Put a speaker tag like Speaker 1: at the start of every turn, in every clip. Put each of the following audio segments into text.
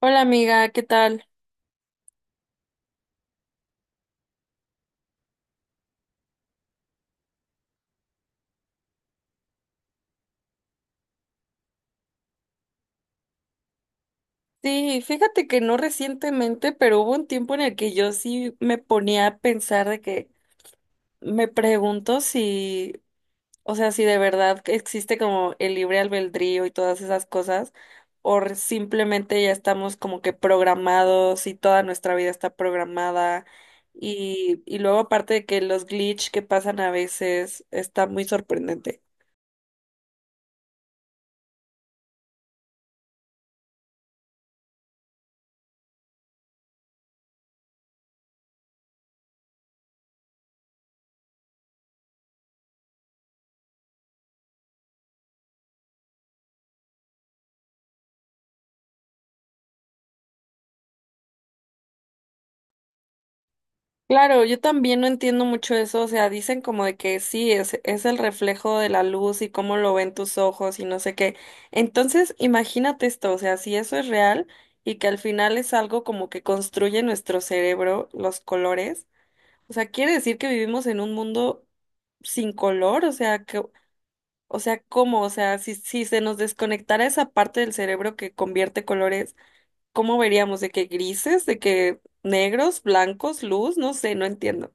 Speaker 1: Hola amiga, ¿qué tal? Sí, fíjate que no recientemente, pero hubo un tiempo en el que yo sí me ponía a pensar de que me pregunto si, o sea, si de verdad que existe como el libre albedrío y todas esas cosas, o simplemente ya estamos como que programados y toda nuestra vida está programada. Y luego aparte de que los glitch que pasan a veces está muy sorprendente. Claro, yo también no entiendo mucho eso, o sea, dicen como de que sí, es el reflejo de la luz y cómo lo ven tus ojos y no sé qué. Entonces, imagínate esto, o sea, si eso es real y que al final es algo como que construye nuestro cerebro, los colores, o sea, quiere decir que vivimos en un mundo sin color, o sea, que, o sea, ¿cómo? O sea, si se nos desconectara esa parte del cerebro que convierte colores, ¿cómo veríamos? ¿De que grises? ¿De que negros, blancos, luz? No sé, no entiendo.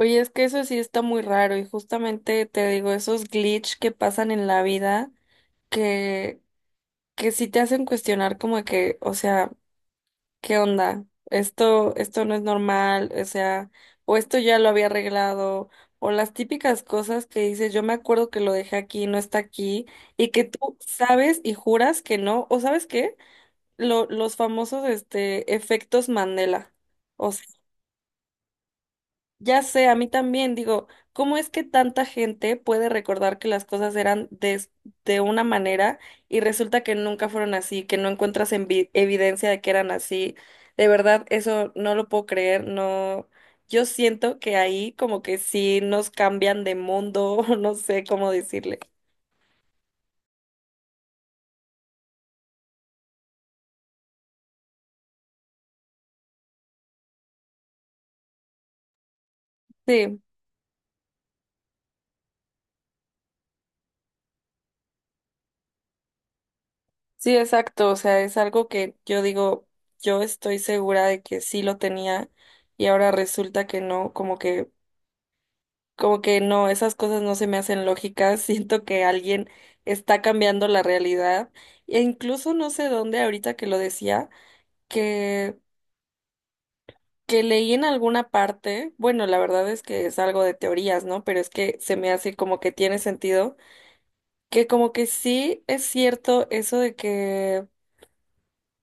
Speaker 1: Oye, es que eso sí está muy raro y justamente te digo, esos glitch que pasan en la vida que, que sí te hacen cuestionar como que, o sea, ¿qué onda? Esto no es normal, o sea, o esto ya lo había arreglado, o las típicas cosas que dices, yo me acuerdo que lo dejé aquí, no está aquí, y que tú sabes y juras que no, o ¿sabes qué? Los famosos, este, efectos Mandela. Ya sé, a mí también digo, ¿cómo es que tanta gente puede recordar que las cosas eran de una manera y resulta que nunca fueron así, que no encuentras evidencia de que eran así? De verdad, eso no lo puedo creer, no. Yo siento que ahí como que sí nos cambian de mundo, no sé cómo decirle. Sí, sí, exacto, o sea, es algo que yo digo, yo estoy segura de que sí lo tenía y ahora resulta que no, como que no, esas cosas no se me hacen lógicas, siento que alguien está cambiando la realidad e incluso no sé dónde ahorita que lo decía, que que leí en alguna parte, bueno, la verdad es que es algo de teorías, ¿no? Pero es que se me hace como que tiene sentido, que como que sí es cierto eso de que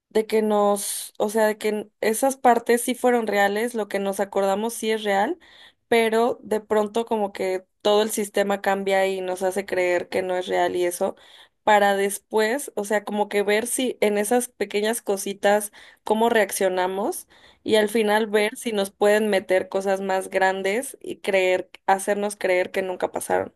Speaker 1: de que nos, o sea, de que esas partes sí fueron reales, lo que nos acordamos sí es real, pero de pronto como que todo el sistema cambia y nos hace creer que no es real y eso, para después, o sea, como que ver si en esas pequeñas cositas cómo reaccionamos y al final ver si nos pueden meter cosas más grandes y creer, hacernos creer que nunca pasaron.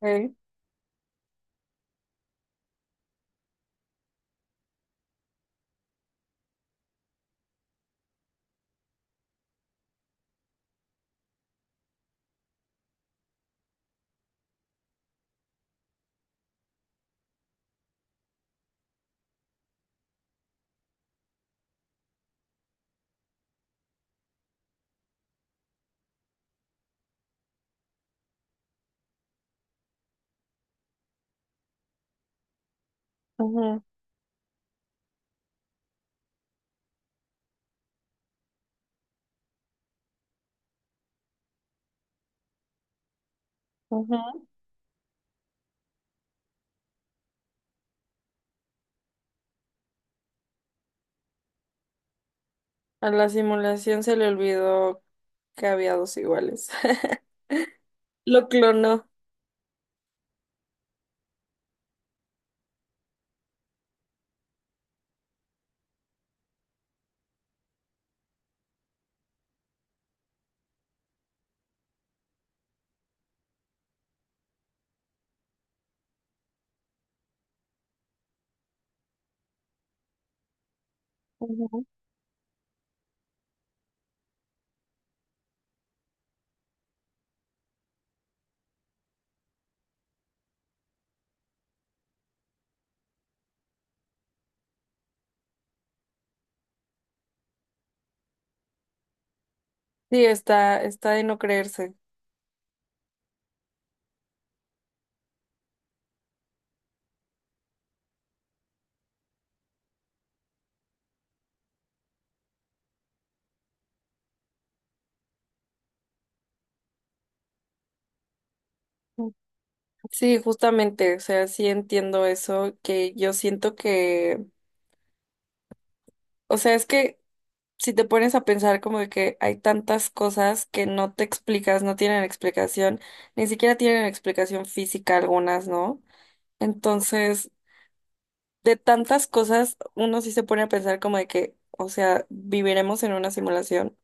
Speaker 1: Ok, ujú, ujú. A la simulación se le olvidó que había dos iguales. Lo clonó. Ujú. Sí, está de no creerse. Ujú. Sí, justamente, o sea, sí entiendo eso, que yo siento que, o sea, es que si te pones a pensar como de que hay tantas cosas que no te explicas, no tienen explicación, ni siquiera tienen explicación física algunas, ¿no? Entonces, de tantas cosas, uno sí se pone a pensar como de que, o sea, viviremos en una simulación.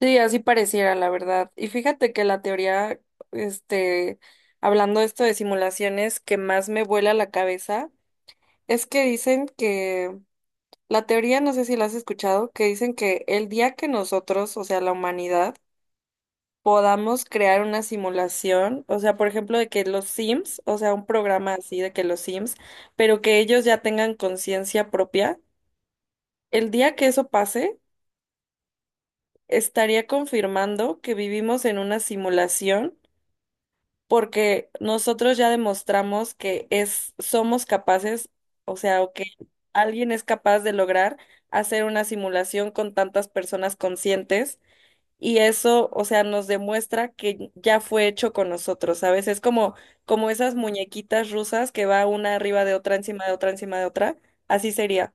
Speaker 1: Sí, así pareciera, la verdad. Y fíjate que la teoría, este, hablando de esto de simulaciones, que más me vuela la cabeza, es que dicen que, la teoría, no sé si la has escuchado, que dicen que el día que nosotros, o sea, la humanidad, podamos crear una simulación, o sea, por ejemplo, de que los Sims, o sea, un programa así de que los Sims, pero que ellos ya tengan conciencia propia, el día que eso pase, estaría confirmando que vivimos en una simulación porque nosotros ya demostramos que es, somos capaces, o sea, o que alguien es capaz de lograr hacer una simulación con tantas personas conscientes y eso, o sea, nos demuestra que ya fue hecho con nosotros, ¿sabes? Es como, como esas muñequitas rusas que va una arriba de otra, encima de otra, encima de otra, así sería.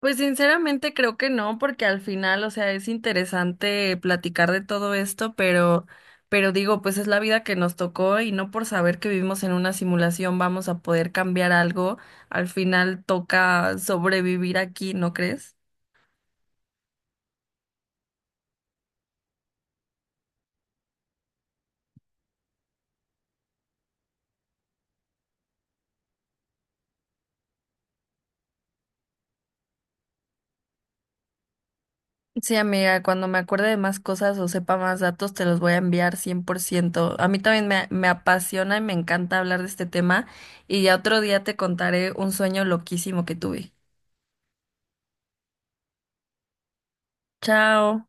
Speaker 1: Pues sinceramente creo que no, porque al final, o sea, es interesante platicar de todo esto, pero digo, pues es la vida que nos tocó y no por saber que vivimos en una simulación vamos a poder cambiar algo. Al final toca sobrevivir aquí, ¿no crees? Sí, amiga, cuando me acuerde de más cosas o sepa más datos, te los voy a enviar 100%. A mí también me apasiona y me encanta hablar de este tema y ya otro día te contaré un sueño loquísimo que tuve. Chao.